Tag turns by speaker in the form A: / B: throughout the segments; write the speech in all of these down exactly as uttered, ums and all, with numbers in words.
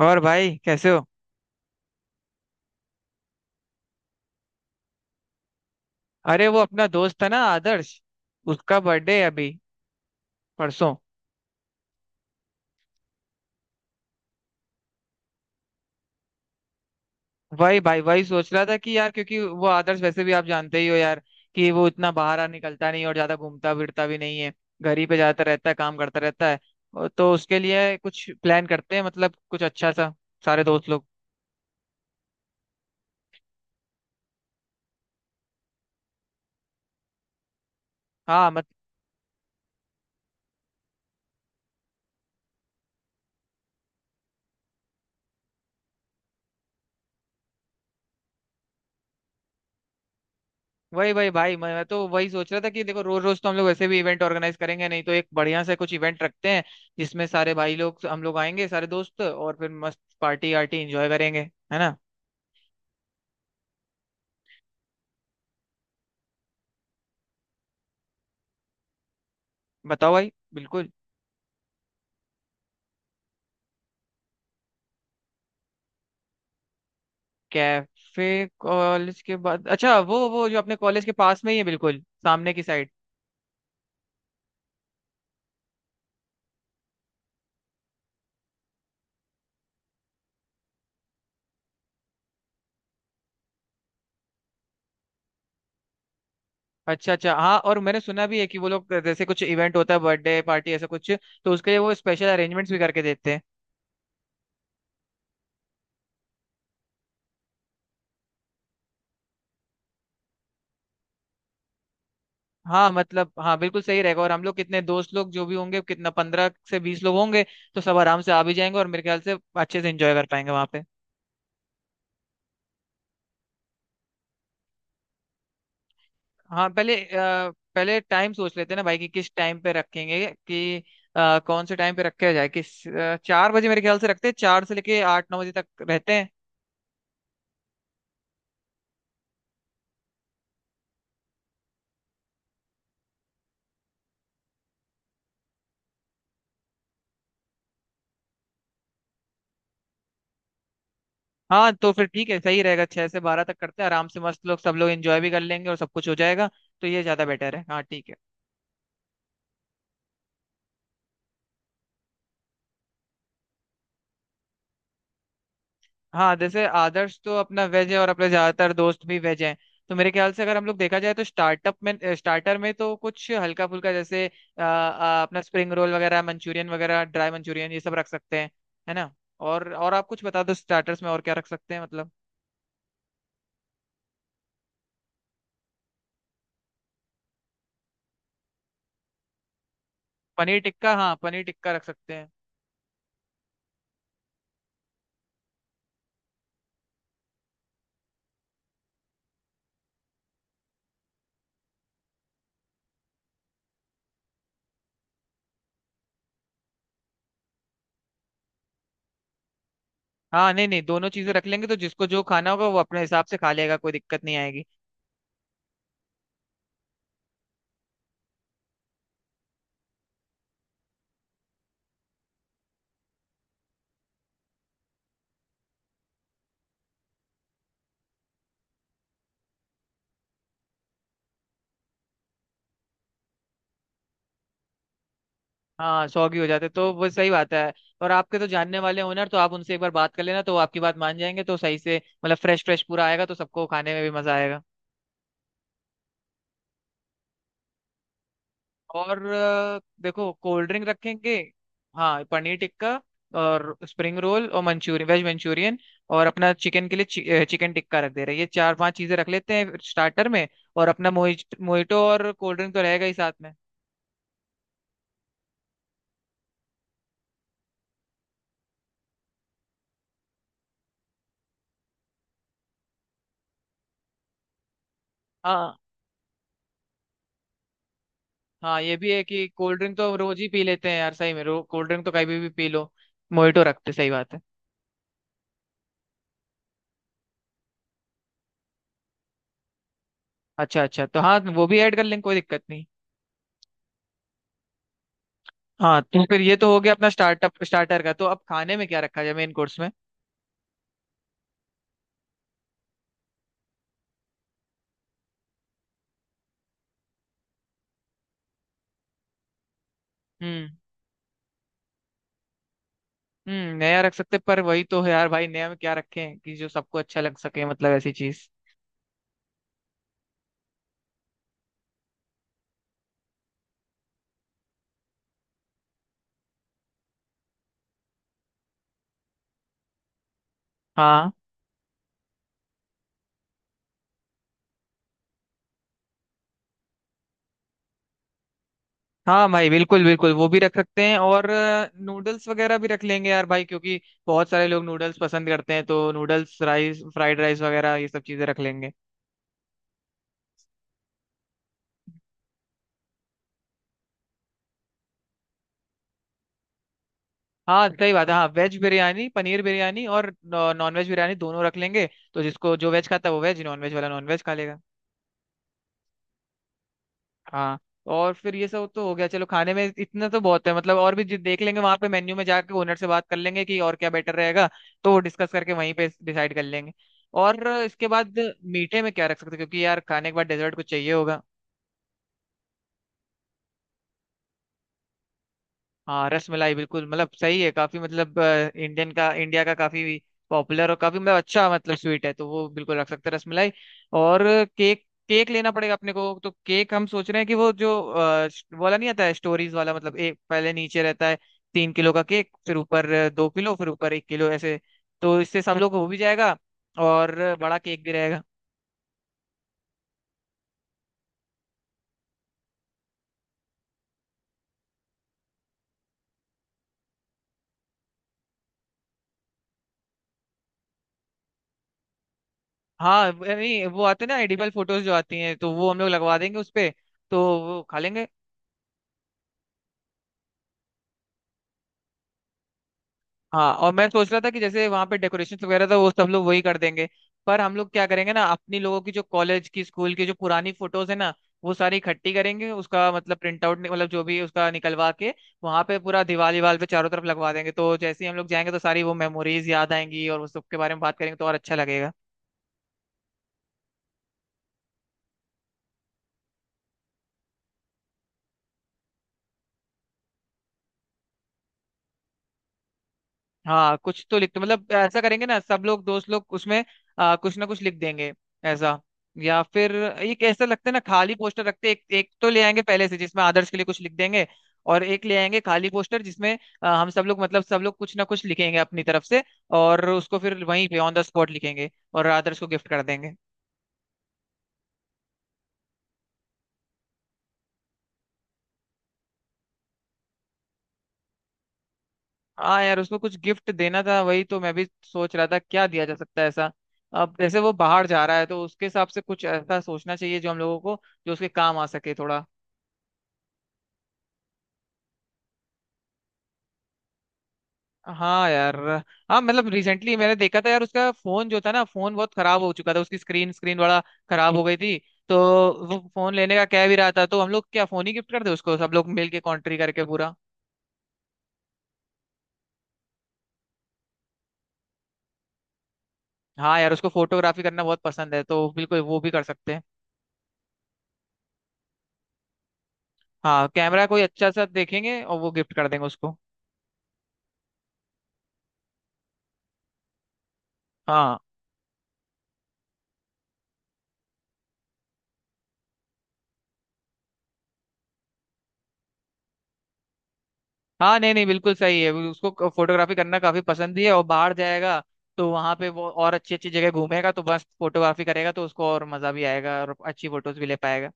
A: और भाई, कैसे हो? अरे, वो अपना दोस्त था ना, आदर्श। उसका बर्थडे है अभी, परसों। वही भाई, वही सोच रहा था कि यार, क्योंकि वो आदर्श वैसे भी आप जानते ही हो यार, कि वो इतना बाहर आ निकलता नहीं और ज्यादा घूमता फिरता भी नहीं है। घर ही पे जाता रहता है, काम करता रहता है। और तो उसके लिए कुछ प्लान करते हैं, मतलब कुछ अच्छा सा, सारे दोस्त लोग। हाँ, वही वही भाई। मैं तो वही सोच रहा था कि देखो, रोज रोज तो हम लोग वैसे भी इवेंट ऑर्गेनाइज करेंगे नहीं। तो एक बढ़िया से कुछ इवेंट रखते हैं जिसमें सारे भाई लोग, हम लोग आएंगे, सारे दोस्त, और फिर मस्त पार्टी आर्टी एंजॉय करेंगे, है ना? बताओ भाई, बिल्कुल। कैफे कॉलेज के बाद, अच्छा, वो वो जो अपने कॉलेज के पास में ही है, बिल्कुल सामने की साइड। अच्छा अच्छा, हाँ। और मैंने सुना भी है कि वो लोग, जैसे कुछ इवेंट होता है, बर्थडे पार्टी, ऐसा कुछ, तो उसके लिए वो स्पेशल अरेंजमेंट्स भी करके देते हैं। हाँ, मतलब हाँ, बिल्कुल सही रहेगा। और हम लोग कितने दोस्त लोग जो भी होंगे, कितना पंद्रह से बीस लोग होंगे, तो सब आराम से आ भी जाएंगे और मेरे ख्याल से अच्छे से एंजॉय कर पाएंगे वहां पे। हाँ, पहले अ, पहले टाइम सोच लेते हैं ना भाई, कि किस टाइम पे रखेंगे, कि अ, कौन से टाइम पे रखा जाए, किस अ, चार बजे मेरे ख्याल से रखते हैं, चार से लेके आठ नौ बजे तक रहते हैं। हाँ, तो फिर ठीक है, सही रहेगा। छह से बारह तक करते हैं, आराम से मस्त, लोग सब लोग एंजॉय भी कर लेंगे और सब कुछ हो जाएगा। तो ये ज्यादा बेटर है। हाँ, ठीक है। हाँ, जैसे आदर्श तो अपना वेज है और अपने ज्यादातर दोस्त भी वेज हैं। तो मेरे ख्याल से अगर हम लोग देखा जाए, तो स्टार्टअप में स्टार्टर में तो कुछ हल्का फुल्का, जैसे अ, अ, अपना स्प्रिंग रोल वगैरह, मंचूरियन वगैरह, ड्राई मंचूरियन, ये सब रख सकते हैं, है ना? और और आप कुछ बता दो, स्टार्टर्स में और क्या रख सकते हैं मतलब। पनीर टिक्का, हाँ, पनीर टिक्का रख सकते हैं। हाँ, नहीं नहीं, दोनों चीजें रख लेंगे। तो जिसको जो खाना होगा वो अपने हिसाब से खा लेगा, कोई दिक्कत नहीं आएगी। हाँ, सौगी हो जाते तो वो सही बात है। और आपके तो जानने वाले ओनर, तो आप उनसे एक बार बात कर लेना, तो वो आपकी बात मान जाएंगे, तो सही से मतलब फ्रेश फ्रेश पूरा आएगा, तो सबको खाने में भी मजा आएगा। और अ, देखो कोल्ड ड्रिंक रखेंगे। हाँ, पनीर टिक्का और स्प्रिंग रोल और मंचूरियन, वेज मंचूरियन, और अपना चिकन के लिए चि, अ, चिकन टिक्का रख दे रहे हैं। ये चार पांच चीजें रख लेते हैं स्टार्टर में। और अपना मोहिट मोहिटो और कोल्ड ड्रिंक तो रहेगा ही साथ में। हाँ हाँ, ये भी है कि कोल्ड ड्रिंक तो रोज ही पी लेते हैं यार, सही में, रो कोल्ड ड्रिंक तो कभी भी पी लो। मोहितो रखते सही बात है। अच्छा अच्छा, तो हाँ, वो भी ऐड कर लेंगे, कोई दिक्कत नहीं। हाँ, तो फिर ये तो हो गया अपना स्टार्टअप स्टार्टर का। तो अब खाने में क्या रखा जाए मेन कोर्स में? हम्म हम्म नया रख सकते पर वही तो है यार भाई, नया में क्या रखें कि जो सबको अच्छा लग सके, मतलब ऐसी चीज। हाँ हाँ, भाई, बिल्कुल बिल्कुल वो भी रख सकते हैं। और नूडल्स वगैरह भी रख लेंगे यार भाई, क्योंकि बहुत सारे लोग नूडल्स पसंद करते हैं। तो नूडल्स, राइस, फ्राइड राइस वगैरह, ये सब चीजें रख लेंगे। हाँ, सही बात है। हाँ, वेज बिरयानी, पनीर बिरयानी, और नॉन वेज बिरयानी, दोनों रख लेंगे। तो जिसको जो वेज खाता है वो वेज, नॉन वेज वाला नॉन वेज खा लेगा। हाँ, और फिर ये सब तो हो गया, चलो। खाने में इतना तो बहुत है, मतलब और भी जो देख लेंगे वहां पे मेन्यू में जाके, ओनर से बात कर लेंगे कि और क्या बेटर रहेगा, तो वो डिस्कस करके वहीं पे डिसाइड कर लेंगे। और इसके बाद मीठे में क्या रख सकते हैं? क्योंकि यार खाने के बाद डेजर्ट कुछ चाहिए होगा। हाँ, रस मलाई बिल्कुल, मतलब सही है, काफी मतलब अ, इंडियन का इंडिया का काफी पॉपुलर और काफी मतलब अच्छा, मतलब स्वीट है, तो वो बिल्कुल रख सकते हैं, रस मलाई। और केक, केक लेना पड़ेगा अपने को। तो केक हम सोच रहे हैं कि वो जो अ, श- वाला नहीं आता है, स्टोरीज वाला, मतलब एक पहले नीचे रहता है तीन किलो का केक, फिर ऊपर अ, दो किलो, फिर ऊपर एक किलो, ऐसे। तो इससे सब लोग हो भी जाएगा, और बड़ा केक भी रहेगा। हाँ नहीं, वो आते हैं ना एडिबल फोटोज जो आती हैं, तो वो हम लोग लगवा देंगे उस पे, तो वो खा लेंगे। हाँ, और मैं सोच रहा था कि जैसे वहां पे डेकोरेशन वगैरह था, वो सब लोग वही कर देंगे। पर हम लोग क्या करेंगे ना, अपनी लोगों की जो कॉलेज की, स्कूल की जो पुरानी फोटोज है ना, वो सारी इकट्ठी करेंगे, उसका मतलब प्रिंट आउट, मतलब जो भी उसका निकलवा के, वहां पे पूरा दीवार दीवार पे चारों तरफ लगवा देंगे। तो जैसे ही हम लोग जाएंगे, तो सारी वो मेमोरीज याद आएंगी और उस सब के बारे में बात करेंगे तो और अच्छा लगेगा। हाँ, कुछ तो लिख दो, मतलब ऐसा करेंगे ना, सब लोग दोस्त लोग उसमें आ, कुछ ना कुछ लिख देंगे, ऐसा। या फिर एक ऐसा लगता है ना, खाली पोस्टर रखते, एक एक तो ले आएंगे पहले से, जिसमें आदर्श के लिए कुछ लिख देंगे। और एक ले आएंगे खाली पोस्टर, जिसमें आ, हम सब लोग, मतलब सब लोग कुछ ना कुछ लिखेंगे अपनी तरफ से, और उसको फिर वहीं पे ऑन द स्पॉट लिखेंगे और आदर्श को गिफ्ट कर देंगे। हाँ यार, उसको कुछ गिफ्ट देना था, वही तो मैं भी सोच रहा था, क्या दिया जा सकता है, ऐसा। अब जैसे वो बाहर जा रहा है, तो उसके हिसाब से कुछ ऐसा सोचना चाहिए जो हम लोगों को, जो उसके काम आ सके थोड़ा। हाँ यार। हाँ, मतलब रिसेंटली मैंने देखा था यार, उसका फोन जो था ना, फोन बहुत खराब हो चुका था, उसकी स्क्रीन स्क्रीन बड़ा खराब हो गई थी। तो वो फोन लेने का कह भी रहा था, तो हम लोग क्या फोन ही गिफ्ट कर दे उसको, सब लोग मिल के कॉन्ट्री करके पूरा। हाँ यार, उसको फोटोग्राफी करना बहुत पसंद है, तो बिल्कुल वो भी कर सकते हैं। हाँ, कैमरा कोई अच्छा सा देखेंगे और वो गिफ्ट कर देंगे उसको। हाँ हाँ, नहीं नहीं, बिल्कुल सही है, उसको फोटोग्राफी करना काफी पसंद भी है। और बाहर जाएगा तो वहां पे वो और अच्छी अच्छी जगह घूमेगा, तो बस फोटोग्राफी करेगा, तो उसको और मजा भी आएगा और अच्छी फोटोज भी ले पाएगा।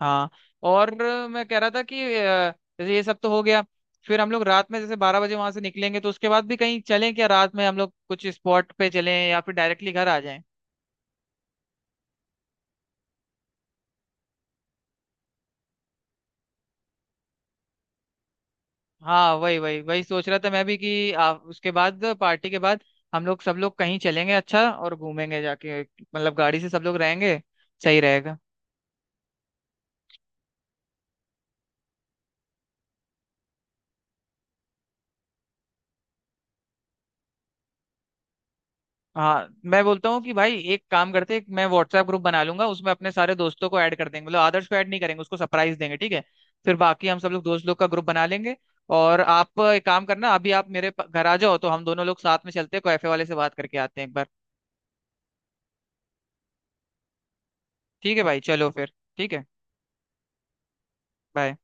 A: हाँ। और मैं कह रहा था कि अ, जैसे ये सब तो हो गया, फिर हम लोग रात में जैसे बारह बजे वहां से निकलेंगे, तो उसके बाद भी कहीं चलें क्या? रात में हम लोग कुछ स्पॉट पे चलें या फिर डायरेक्टली घर आ जाएं? हाँ, वही वही वही सोच रहा था मैं भी, कि आ, उसके बाद पार्टी के बाद हम लोग, सब लोग कहीं चलेंगे अच्छा, और घूमेंगे जाके, मतलब गाड़ी से सब लोग रहेंगे, सही रहेगा। हाँ, मैं बोलता हूँ कि भाई एक काम करते हैं, मैं व्हाट्सएप ग्रुप बना लूंगा, उसमें अपने सारे दोस्तों को ऐड कर देंगे, मतलब आदर्श को ऐड नहीं करेंगे, उसको सरप्राइज देंगे, ठीक है? फिर बाकी हम सब लोग, दोस्त लोग का ग्रुप बना लेंगे। और आप एक काम करना, अभी आप मेरे प- घर आ जाओ, तो हम दोनों लोग साथ में चलते हैं, कैफे वाले से बात करके आते हैं एक बार। ठीक है भाई, चलो फिर, ठीक है, बाय।